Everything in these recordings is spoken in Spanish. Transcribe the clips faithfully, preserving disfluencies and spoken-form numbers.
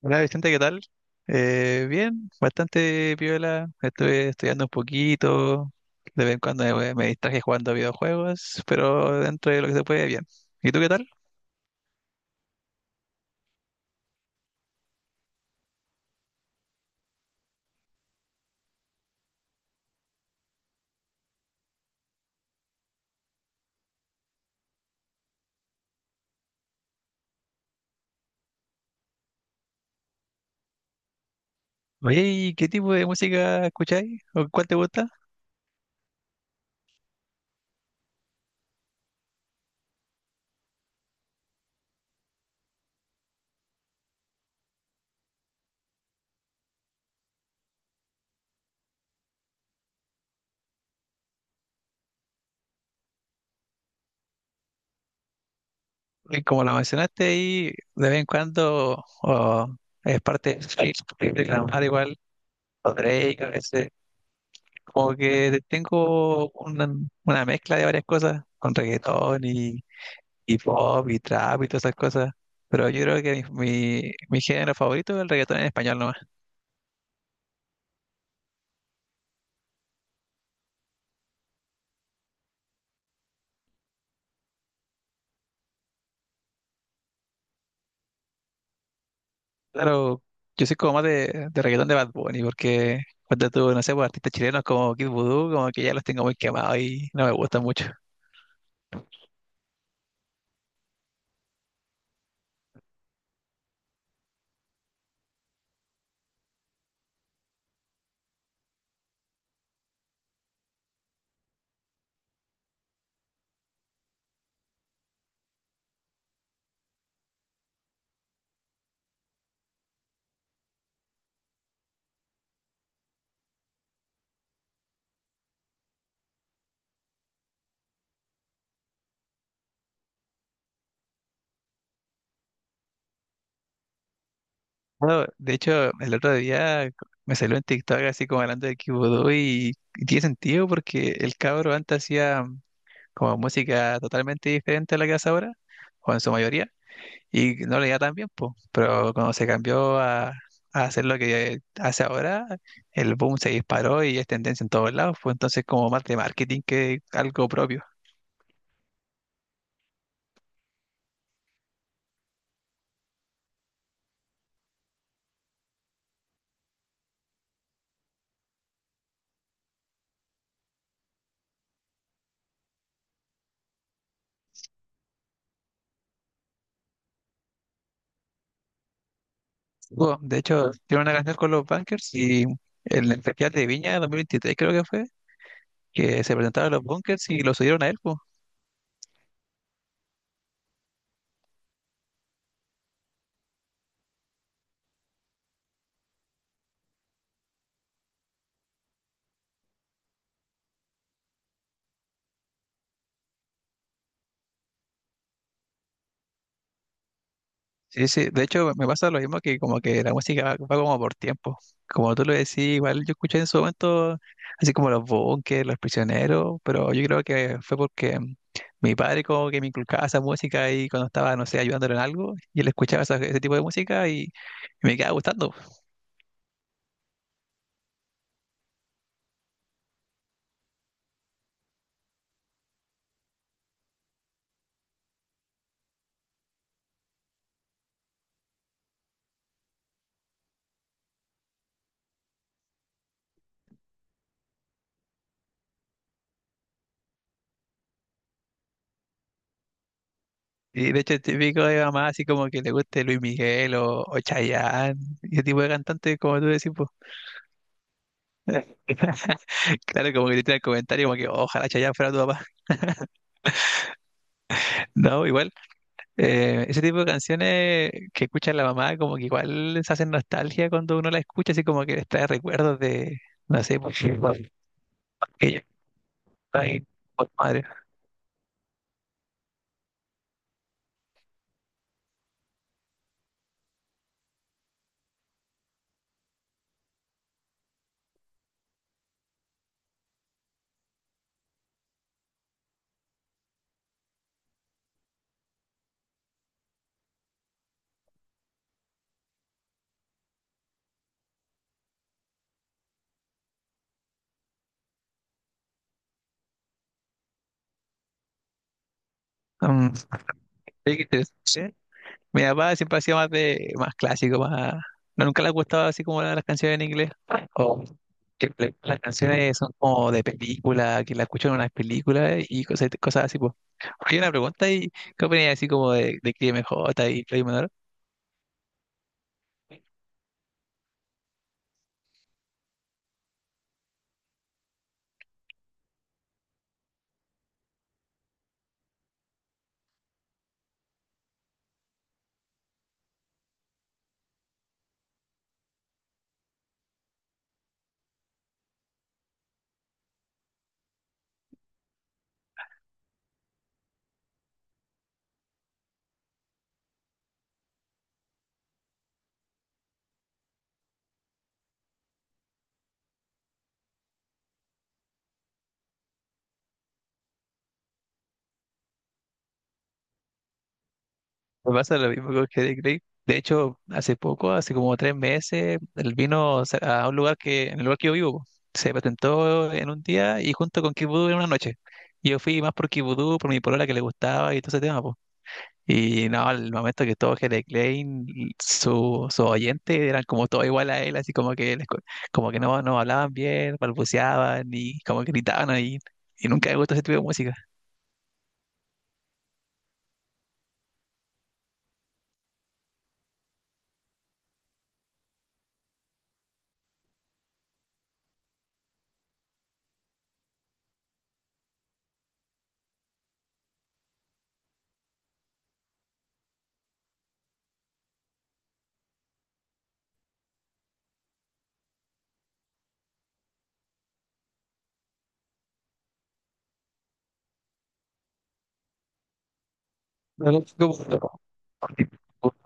Hola Vicente, ¿qué tal? Eh, bien, bastante piola. Estuve estudiando un poquito. De vez en cuando me, me distraje jugando a videojuegos, pero dentro de lo que se puede, bien. ¿Y tú qué tal? Oye, ¿y qué tipo de música escucháis? ¿O cuál te gusta? Y como la mencionaste ahí, de vez en cuando o es parte de reclamar igual, o Drake a veces. Como que tengo una, una mezcla de varias cosas, con reggaetón, hip hop y trap y todas esas cosas. Pero yo creo que mi, mi, mi género favorito es el reggaetón en español nomás. Claro, yo soy como más de, de reggaetón de Bad Bunny, porque cuando tú, no sé, pues, artistas chilenos como Kid Voodoo, como que ya los tengo muy quemados y no me gustan mucho. Bueno, de hecho, el otro día me salió en TikTok así como hablando de Kid Voodoo y, y tiene sentido porque el cabro antes hacía como música totalmente diferente a la que hace ahora, o en su mayoría. Y no le iba tan bien, po. Pero cuando se cambió a, a hacer lo que hace ahora, el boom se disparó y es tendencia en todos lados, pues entonces como más de marketing que algo propio. Bueno, de hecho, tiene una canción con los Bunkers y en el festival de Viña dos mil veintitrés creo que fue, que se presentaron los Bunkers y lo subieron a él, po. Sí, sí, de hecho me pasa lo mismo que como que la música va, va como por tiempo. Como tú lo decís, igual yo escuché en su momento así como los bunkers, los prisioneros, pero yo creo que fue porque mm, mi padre como que me inculcaba esa música y cuando estaba, no sé, ayudándolo en algo, y él escuchaba esa- ese tipo de música y, y me quedaba gustando. Y de hecho es típico de mamá así como que le guste Luis Miguel o, o Chayanne, y ese tipo de cantantes como tú decís, pues. Claro, como que te tiran el comentario como que ojalá Chayanne fuera tu papá. No, igual. Eh, ese tipo de canciones que escucha la mamá, como que igual se hacen nostalgia cuando uno la escucha, así como que les trae recuerdos de, no sé, pues, que ella está ahí, por madre. Um, Oye, qué interesante. Mi papá siempre ha sido más de, más clásico, más, no, nunca le ha gustado así como las canciones en inglés. O que le- las canciones son como de película, que la escuchan en unas películas y cosas, cosas así, pues. Hay una pregunta y ¿qué opinas así como de, de Cris M J y Play Manor? Me pasa lo mismo con Headache Lake. De hecho, hace poco, hace como tres meses, él vino sa- a un lugar que, en el lugar que yo vivo, se presentó en un día y junto con Kid en una noche. Yo fui más por Kid por mi polola que le gustaba y todo ese tema, po. Y no, al momento que todo Headache Lake, su, su oyente eran como todo igual a él, así como que les co- como que no, no hablaban bien, balbuceaban y como que gritaban ahí. Y nunca me gustó ese tipo de música. No, no, como-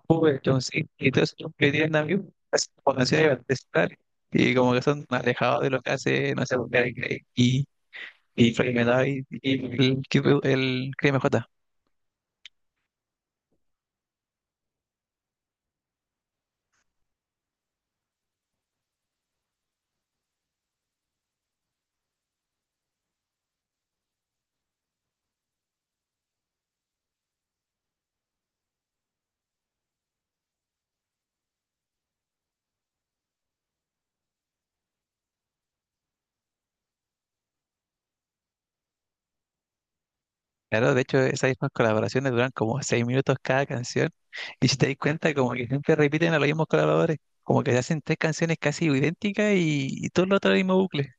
tipo de John Cena y todos esos que tienen amigos, así como canciones de estar y como que son alejados de lo que hace, no sé, Gary Craig y, y Frank Miller y, y el, Cube- el Crime J. Claro, de hecho, esas mismas colaboraciones duran como seis minutos cada canción. Y si te das cuenta, como que siempre repiten a los mismos colaboradores, como que se hacen tres canciones casi idénticas y, y todo lo otro el mismo bucle.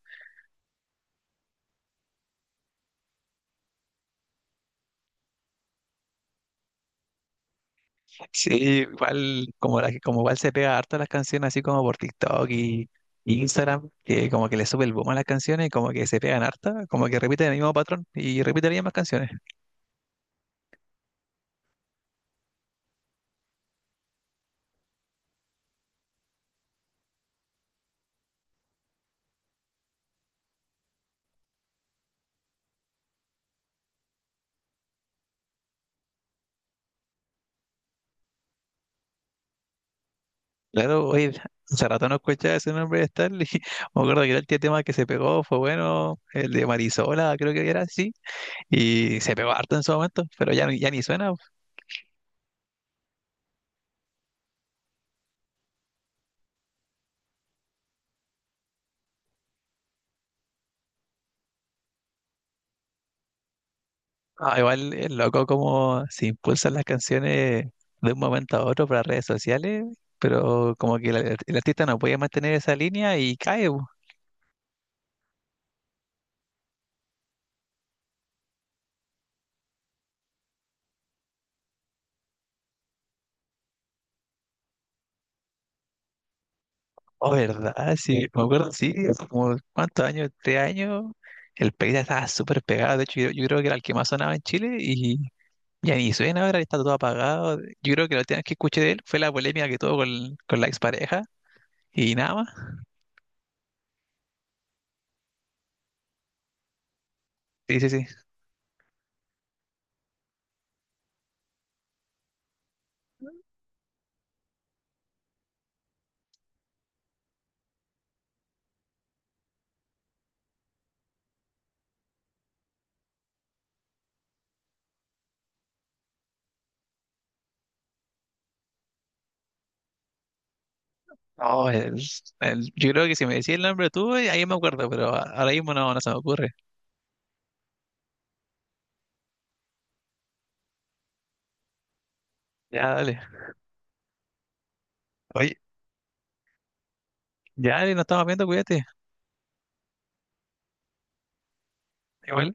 Sí, igual, como, la, como igual se pega harto las canciones así como por TikTok y, y Instagram, que como que le sube el boom a las canciones y como que se pegan harta, como que repiten el mismo patrón y repiten las mismas canciones. Claro, oye, hace rato no escuchaba ese nombre de Stanley. Me acuerdo que era el último tema que se pegó fue bueno, el de Marisola, creo que era así, y se pegó harto en su momento, pero ya, ni- ya ni suena. Ah, igual es loco como se impulsan las canciones de un momento a otro para redes sociales, pero como que el, ar- el artista no puede mantener esa línea y cae. Bu. Oh, ¿verdad? Sí, me acuerdo, sí, hace como cuántos años, tres años, el Peita estaba súper pegado. De hecho, yo, yo creo que era el que más sonaba en Chile y ya ni suena ahora, está todo apagado. Yo creo que lo última vez que escuché de él fue la polémica que tuvo con, con la expareja y nada más. Sí, sí, sí. No, es- el- yo creo que si me decís el nombre tú, eh, ahí me acuerdo, pero a- ahora mismo no, no se me ocurre. Ya, dale. Oye, ya, dale, nos estamos viendo, cuídate. Igual.